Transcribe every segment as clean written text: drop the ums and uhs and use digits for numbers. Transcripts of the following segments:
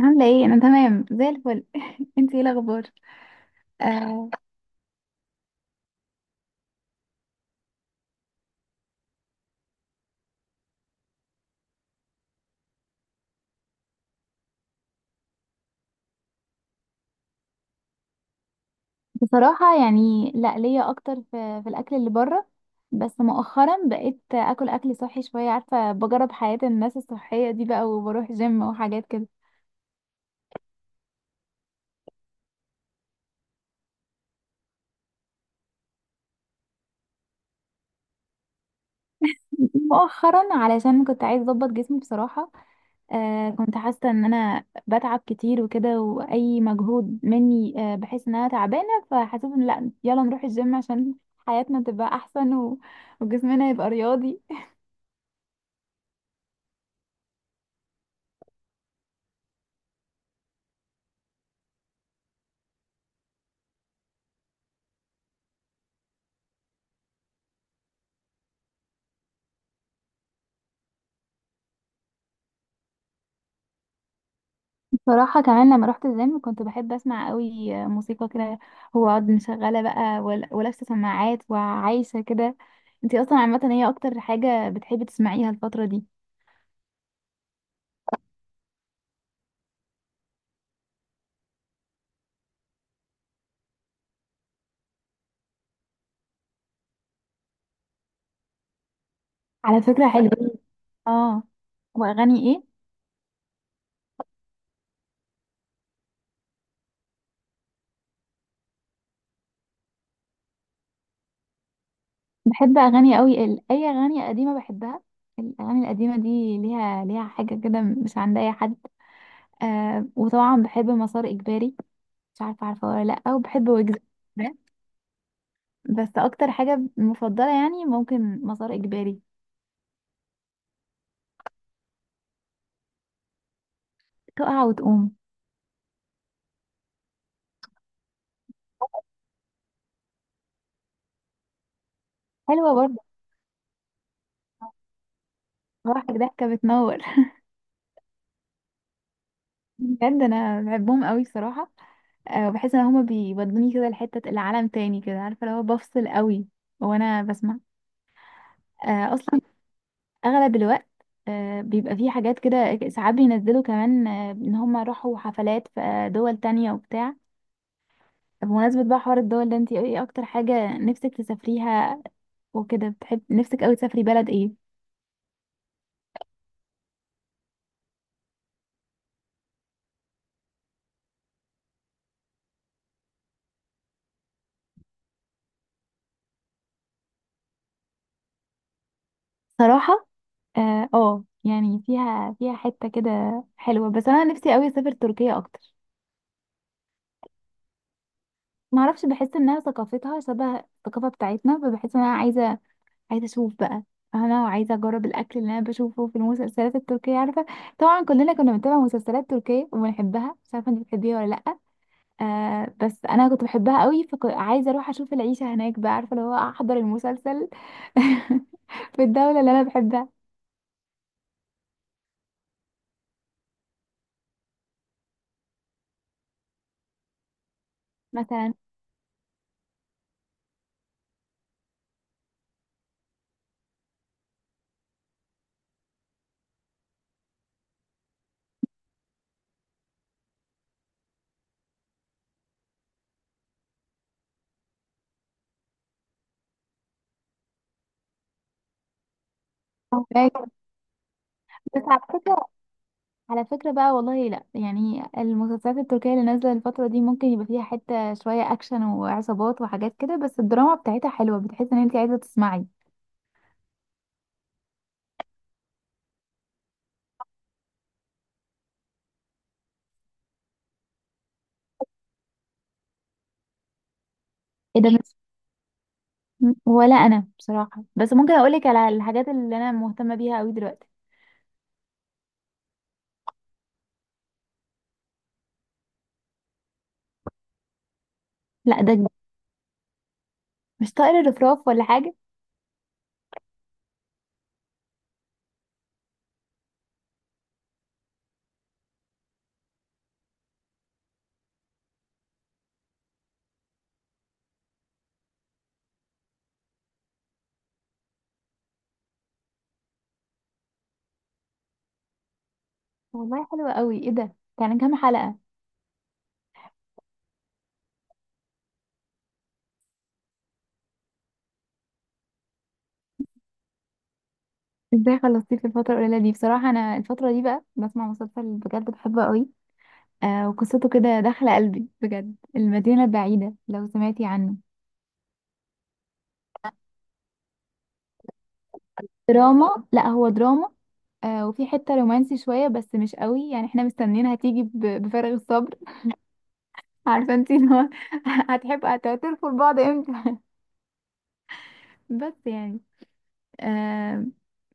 عاملة ايه؟ أنا تمام زي الفل. انتي ايه الأخبار؟ آه، بصراحة يعني لا، ليا أكتر في الأكل اللي بره. بس مؤخرا بقيت أكل أكل صحي شوية، عارفة بجرب حياة الناس الصحية دي بقى وبروح جيم وحاجات كده. مؤخرا علشان كنت عايزة أظبط جسمي بصراحة. آه، كنت حاسة إن أنا بتعب كتير وكده، وأي مجهود مني بحس إن أنا تعبانة، فحسيت إن لا، يلا نروح الجيم عشان حياتنا تبقى أحسن وجسمنا يبقى رياضي. صراحة كمان لما رحت الجيم كنت بحب اسمع قوي موسيقى كده، واقعد مشغلة بقى ولابسة سماعات وعايشة كده. انتي اصلا عامة هي اكتر حاجة بتحبي تسمعيها الفترة دي؟ على فكرة حلوة. اه. واغاني ايه؟ بحب اغاني قوي، اي اغاني قديمة بحبها. الاغاني القديمة دي ليها ليها حاجة كده مش عند اي حد. آه، وطبعا بحب مسار اجباري، مش عارفة عارفة ولا لا، وبحب ويجز. بس اكتر حاجة مفضلة يعني ممكن مسار اجباري. تقع وتقوم. حلوة برضه. صراحة ضحكة بتنور. بجد انا بحبهم قوي بصراحة. أه بحس ان هما بيودوني كده لحتة العالم تاني كده، عارفة لو بفصل قوي وانا بسمع. أه اصلا اغلب الوقت. أه بيبقى فيه حاجات كده ساعات بينزلوا كمان، أه ان هما راحوا حفلات في دول تانية وبتاع. بمناسبة بقى حوار الدول ده، انتي ايه اكتر حاجة نفسك تسافريها وكده؟ بتحب نفسك قوي تسافري بلد ايه؟ صراحة اه، يعني فيها فيها حتة كده حلوة، بس انا نفسي قوي اسافر تركيا اكتر. ما اعرفش، بحس انها ثقافتها شبه الثقافة بتاعتنا، فبحس ان انا عايزة اشوف بقى. انا عايزة اجرب الاكل اللي انا بشوفه في المسلسلات التركية، عارفة؟ طبعا كلنا كنا بنتابع مسلسلات تركية وبنحبها، مش عارفة انت بتحبيها ولا لأ. آه، بس انا كنت بحبها قوي، فعايزة اروح اشوف العيشة هناك بقى، عارفة اللي هو احضر المسلسل في الدولة اللي انا بحبها. مثلا هناك. بس على فكرة، على فكرة بقى والله لا، يعني المسلسلات التركية اللي نازلة الفترة دي ممكن يبقى فيها حتة شوية أكشن وعصابات وحاجات كده، بس الدراما بتاعتها حلوة، بتحس إن أنت عايزة تسمعي. ايه ده؟ بس ولا أنا بصراحة، بس ممكن أقولك على الحاجات اللي أنا مهتمة بيها أوي دلوقتي. لا مش طائر الرفراف ولا حاجة؟ والله حلوة أوي. ايه ده، يعني كام حلقة؟ ازاي خلصتيه في الفترة القليلة دي؟ بصراحة أنا الفترة دي بقى بسمع مسلسل بجد بحبه أوي. آه، وقصته كده داخلة قلبي بجد، المدينة البعيدة، لو سمعتي عنه. دراما، لا هو دراما. آه، وفي حتة رومانسي شوية بس مش قوي، يعني احنا مستنيين هتيجي بفارغ الصبر. عارفة انتي اللي هو هتحب هتعترفوا لبعض امتى. بس يعني آه،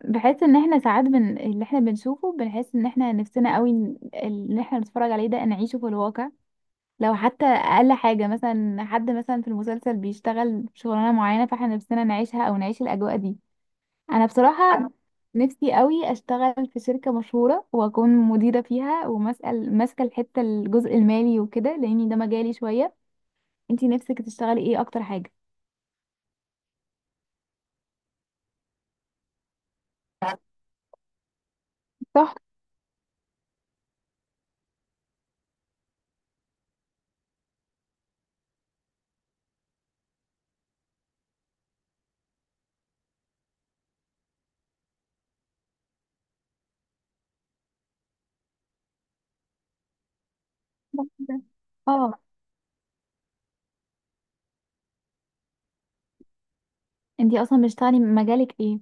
بحس ان احنا ساعات اللي احنا بنشوفه بنحس ان احنا نفسنا قوي اللي احنا بنتفرج عليه ده نعيشه في الواقع. لو حتى اقل حاجة مثلا، حد مثلا في المسلسل بيشتغل شغلانة معينة، فاحنا نفسنا نعيشها او نعيش الاجواء دي. انا بصراحه نفسي قوي اشتغل في شركه مشهوره واكون مديره فيها، ومسأل ماسكه الحته الجزء المالي وكده، لاني ده مجالي شويه. انتي نفسك تشتغلي ايه اكتر حاجه؟ صح. اه، انتي اصلا بتشتغلي مجالك ايه؟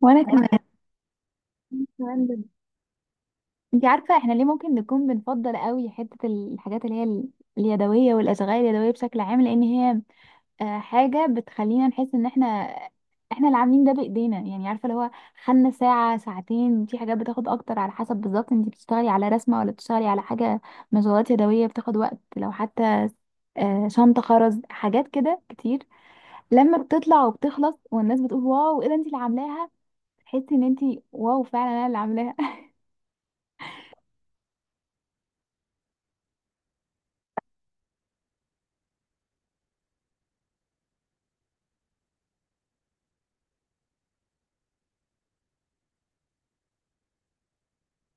وانا كمان. تمام. انتي عارفه احنا ليه ممكن نكون بنفضل قوي حته الحاجات اليدويه والاشغال اليدويه بشكل عام؟ لان هي آه، حاجة بتخلينا نحس ان احنا اللي عاملين ده بايدينا، يعني عارفة اللي هو خدنا ساعة ساعتين في حاجات، بتاخد اكتر على حسب بالظبط انت بتشتغلي على رسمة ولا بتشتغلي على حاجة. مشغولات يدوية بتاخد وقت، لو حتى آه، شنطة خرز، حاجات كده كتير. لما بتطلع وبتخلص والناس بتقول واو ايه ده انت اللي عاملاها، تحسي ان انت واو فعلا انا اللي عاملاها.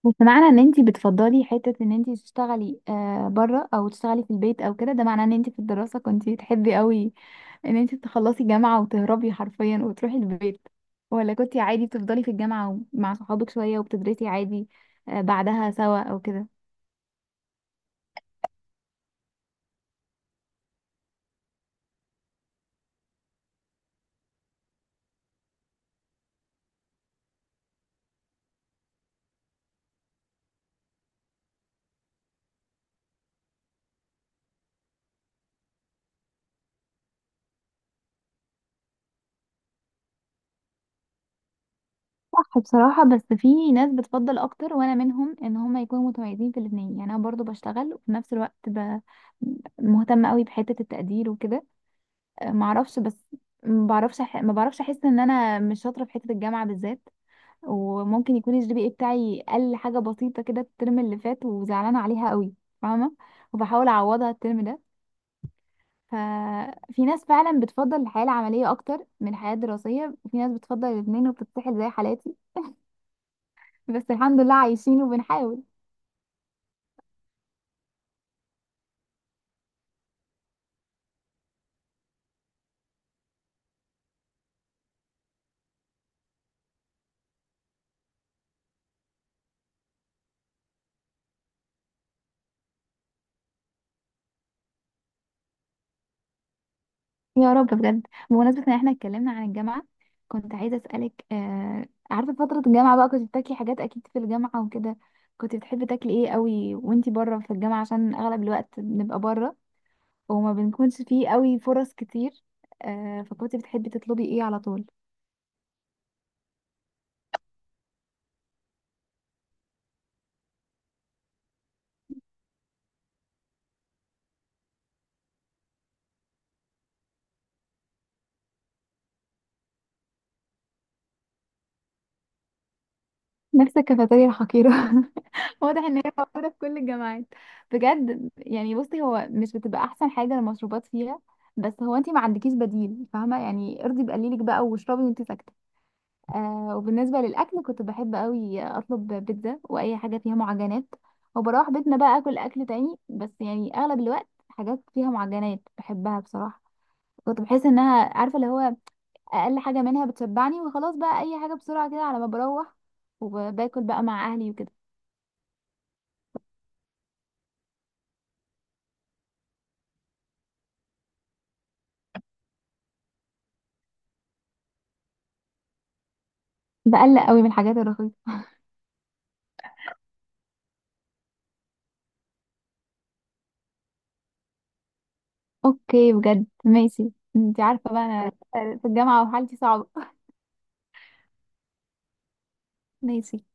بس معنى ان انتي بتفضلي حتة ان انتي تشتغلي آه بره او تشتغلي في البيت او كده، ده معناه ان انتي في الدراسة كنتي تحبي قوي ان انتي تخلصي جامعة وتهربي حرفيا وتروحي البيت؟ ولا كنتي عادي بتفضلي في الجامعة مع صحابك شوية وبتدرسي عادي، آه، بعدها سوا او كده؟ صح، بصراحة بس في ناس بتفضل أكتر وأنا منهم إن هما يكونوا متميزين في الاتنين. يعني أنا برضو بشتغل وفي نفس الوقت مهتمة قوي بحتة التقدير وكده. ما اعرفش بس، ما بعرفش احس ان انا مش شاطره في حته الجامعه بالذات. وممكن يكون الـ GPA بتاعي قل حاجه بسيطه كده الترم اللي فات وزعلانه عليها قوي، فاهمه؟ وبحاول اعوضها الترم ده. ففي ناس فعلا بتفضل الحياه العمليه اكتر من الحياه الدراسيه، وفي ناس بتفضل الاثنين وبتتسحل زي حالاتي. بس الحمد لله عايشين وبنحاول. يا رب، بجد. بمناسبة ان احنا اتكلمنا عن الجامعة، كنت عايزة اسألك آه، عارفة فترة الجامعة بقى كنت بتاكلي حاجات اكيد في الجامعة وكده، كنت بتحبي تاكلي ايه قوي وانتي بره في الجامعة؟ عشان اغلب الوقت بنبقى بره وما بنكونش فيه قوي فرص كتير، آه، فكنت بتحبي تطلبي ايه على طول؟ نفس الكافيتيريا الحقيرة. واضح ان هي موجودة في كل الجامعات. بجد، يعني بصي هو مش بتبقى احسن حاجة المشروبات فيها، بس هو انتي ما عندكيش بديل، فاهمة؟ يعني ارضي بقليلك بقى واشربي وانتي ساكتة. آه، وبالنسبة للأكل كنت بحب قوي أطلب بيتزا وأي حاجة فيها معجنات، وبروح بيتنا بقى أكل أكل تاني، بس يعني أغلب الوقت حاجات فيها معجنات بحبها بصراحة. كنت بحس إنها عارفة اللي هو أقل حاجة منها بتشبعني وخلاص بقى، أي حاجة بسرعة كده على ما بروح وباكل بقى مع أهلي وكده. بقلق قوي من الحاجات الرخيصة. أوكي بجد ماشي. انت عارفة بقى أنا في الجامعة وحالتي صعبة. ماشي.